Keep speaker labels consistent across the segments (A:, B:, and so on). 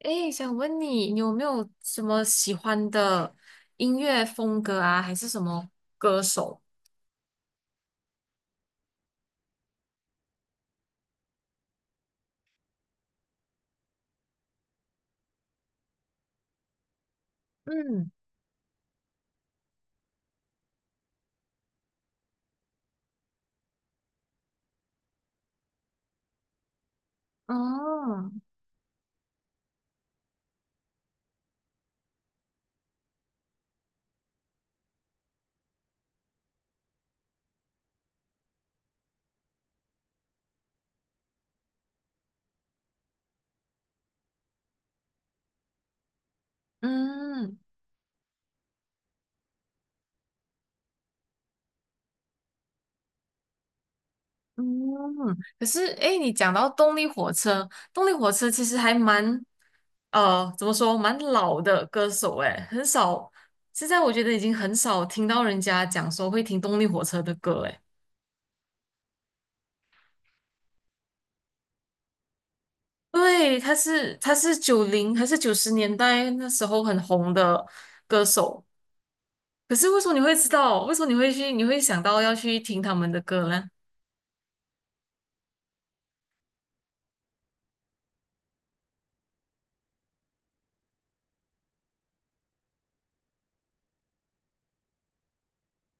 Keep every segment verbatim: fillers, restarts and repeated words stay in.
A: 诶，想问你，你有没有什么喜欢的音乐风格啊，还是什么歌手？嗯，哦，嗯嗯。可是，诶，你讲到动力火车，动力火车其实还蛮，呃，怎么说，蛮老的歌手，诶，很少。现在我觉得已经很少听到人家讲说会听动力火车的歌，诶。对，他是他是九零还是九十年代那时候很红的歌手。可是为什么你会知道？为什么你会去？你会想到要去听他们的歌呢？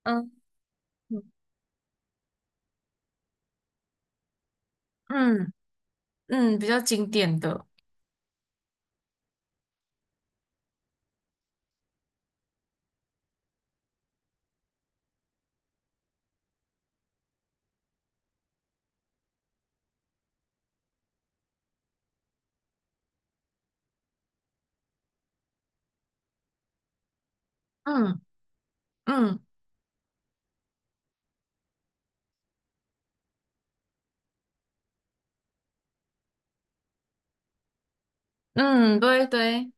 A: 嗯，嗯嗯，比较经典的，嗯嗯嗯，对对，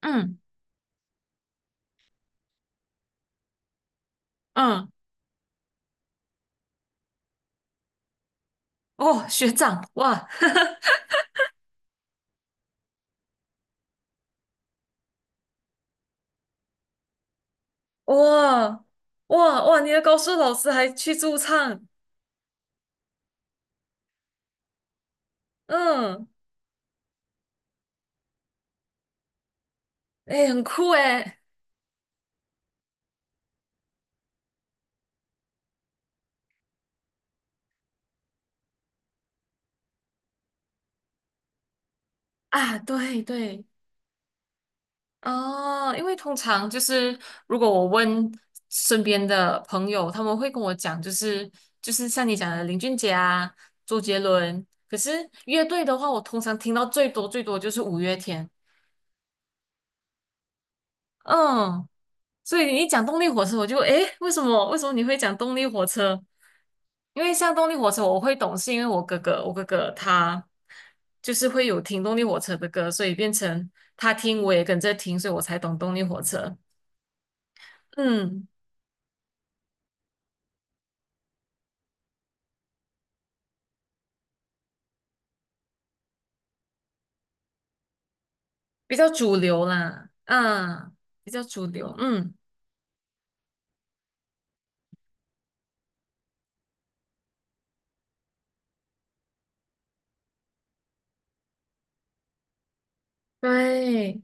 A: 嗯嗯，哦，学长，哇，哇哇哇，你的高数老师还去驻唱，嗯，哎，很酷哎，啊，对对。哦，因为通常就是如果我问身边的朋友，他们会跟我讲，就是就是像你讲的林俊杰啊、周杰伦。可是乐队的话，我通常听到最多最多就是五月天。嗯，所以你一讲动力火车，我就诶，为什么为什么你会讲动力火车？因为像动力火车，我会懂，是因为我哥哥，我哥哥他就是会有听动力火车的歌，所以变成他听，我也跟着听，所以我才懂动力火车。嗯。比较主流啦，嗯，比较主流，嗯，对，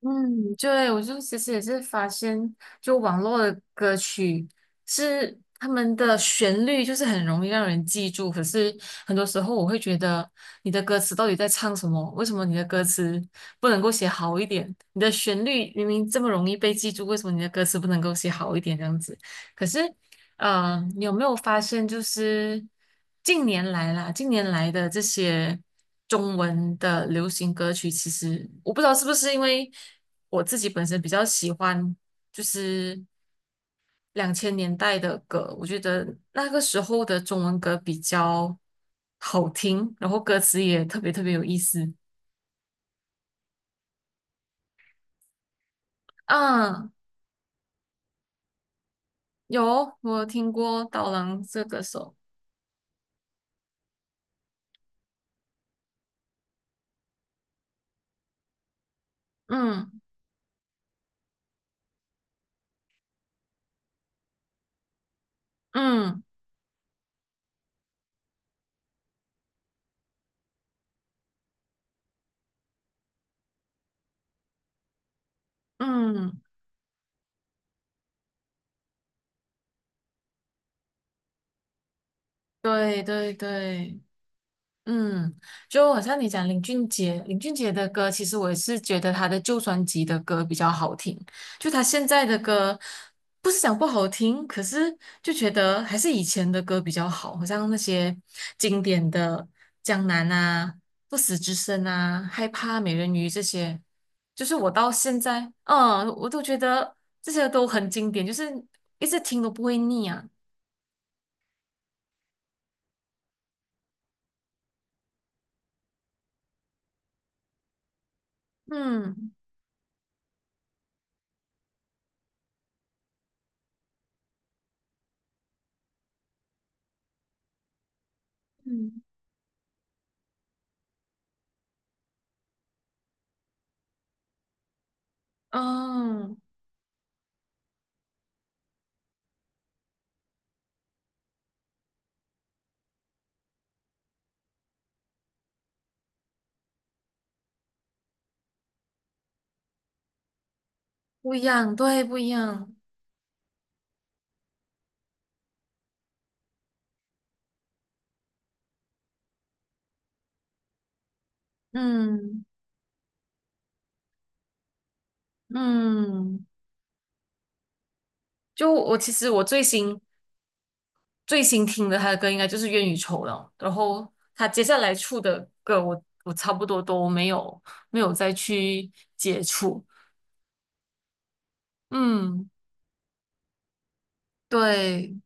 A: 嗯，对，我就其实也是发现，就网络的歌曲是他们的旋律就是很容易让人记住，可是很多时候我会觉得你的歌词到底在唱什么？为什么你的歌词不能够写好一点？你的旋律明明这么容易被记住，为什么你的歌词不能够写好一点这样子？可是嗯，呃你有没有发现，就是近年来啦，近年来的这些中文的流行歌曲，其实我不知道是不是因为我自己本身比较喜欢，就是两千年代的歌，我觉得那个时候的中文歌比较好听，然后歌词也特别特别有意思。嗯，有，我有听过刀郎这个手，嗯嗯嗯，对对对。嗯，就好像你讲林俊杰，林俊杰的歌，其实我也是觉得他的旧专辑的歌比较好听。就他现在的歌，不是讲不好听，可是就觉得还是以前的歌比较好，好像那些经典的《江南》啊、《不死之身》啊、《害怕美人鱼》这些，就是我到现在，嗯，我都觉得这些都很经典，就是一直听都不会腻啊。嗯嗯，哦，不一样，对，不一样。嗯嗯，就我其实我最新最新听的他的歌应该就是《冤与仇》了，然后他接下来出的歌我我差不多都没有没有再去接触。嗯，对，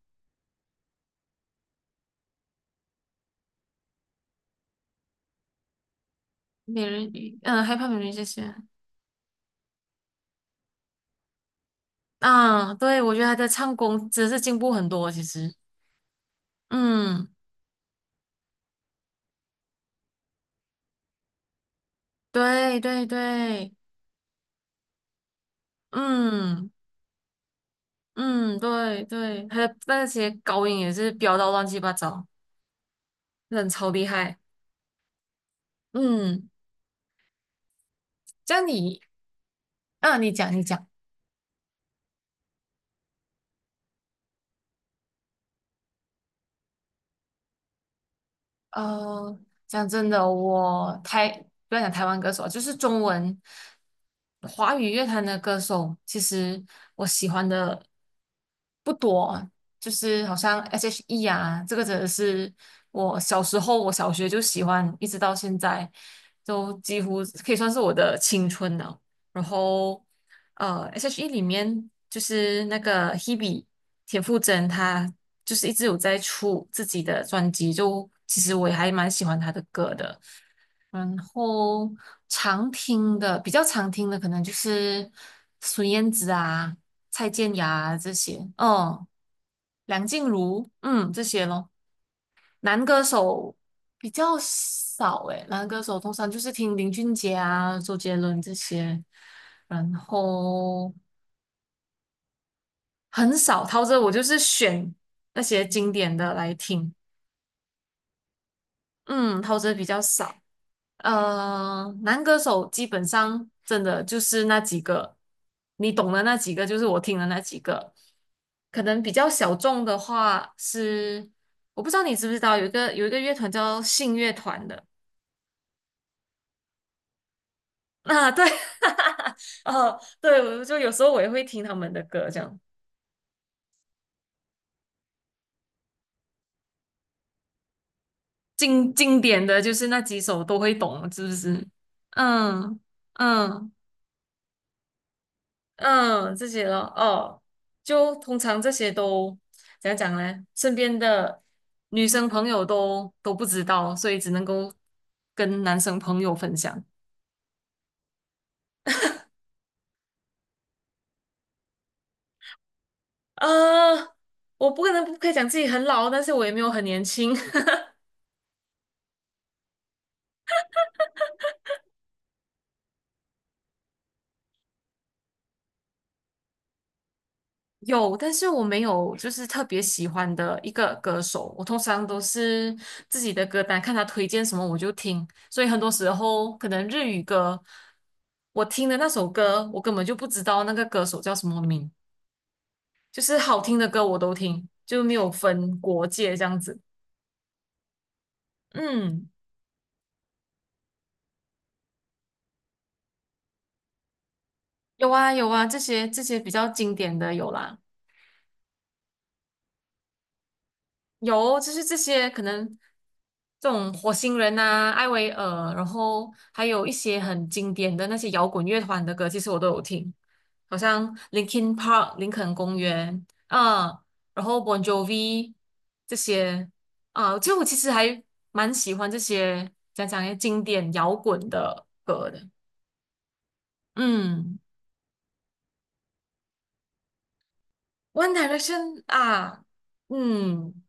A: 美人鱼，嗯，害怕美人鱼这些啊，对，我觉得他的唱功真是进步很多，其实，嗯，对对对，嗯嗯，对对，他的那些高音也是飙到乱七八糟，真的超厉害，嗯。这样你，啊，你讲，你讲。呃，讲真的，我台不要讲台湾歌手啊就是中文华语乐坛的歌手，其实我喜欢的不多，就是好像 S.H.E 啊，这个真的是我小时候，我小学就喜欢，一直到现在，都几乎可以算是我的青春了。然后呃，S.H.E 里面就是那个 Hebe 田馥甄，她就是一直有在出自己的专辑，就其实我也还蛮喜欢她的歌的。然后常听的比较常听的可能就是孙燕姿啊、蔡健雅啊这些，哦，梁静茹，嗯，这些咯。男歌手比较少诶，男歌手通常就是听林俊杰啊、周杰伦这些，然后很少陶喆，我就是选那些经典的来听。嗯，陶喆比较少。呃，男歌手基本上真的就是那几个，你懂的那几个，就是我听的那几个。可能比较小众的话是，我不知道你知不知道，有一个有一个乐团叫信乐团的。啊，对，哦，对，我就有时候我也会听他们的歌，这样经经典的就是那几首都会懂，是不是？嗯嗯嗯，这些咯，哦，就通常这些都怎样讲呢？身边的女生朋友都都不知道，所以只能够跟男生朋友分享。啊、我不可能不可以讲自己很老，但是我也没有很年轻。有，但是我没有就是特别喜欢的一个歌手，我通常都是自己的歌单，看他推荐什么我就听，所以很多时候可能日语歌，我听的那首歌，我根本就不知道那个歌手叫什么名，就是好听的歌我都听，就没有分国界这样子。嗯，有啊有啊，这些这些比较经典的有啦。有，就是这些可能这种火星人啊、艾薇儿，然后还有一些很经典的那些摇滚乐团的歌，其实我都有听，好像 Linkin Park、林肯公园啊，然后 Bon Jovi 这些啊，就我其实还蛮喜欢这些讲讲些经典摇滚的歌的。嗯，One Direction 啊，嗯。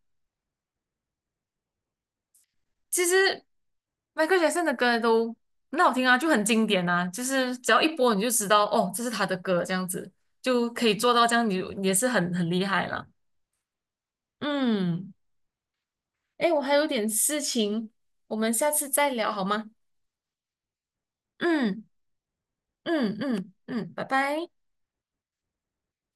A: 其实 Michael Jackson 的歌都很好听啊，就很经典啊，就是只要一播你就知道哦，这是他的歌，这样子就可以做到这样，你你也是很很厉害了。嗯，哎，我还有点事情，我们下次再聊好吗？嗯嗯嗯嗯，拜拜。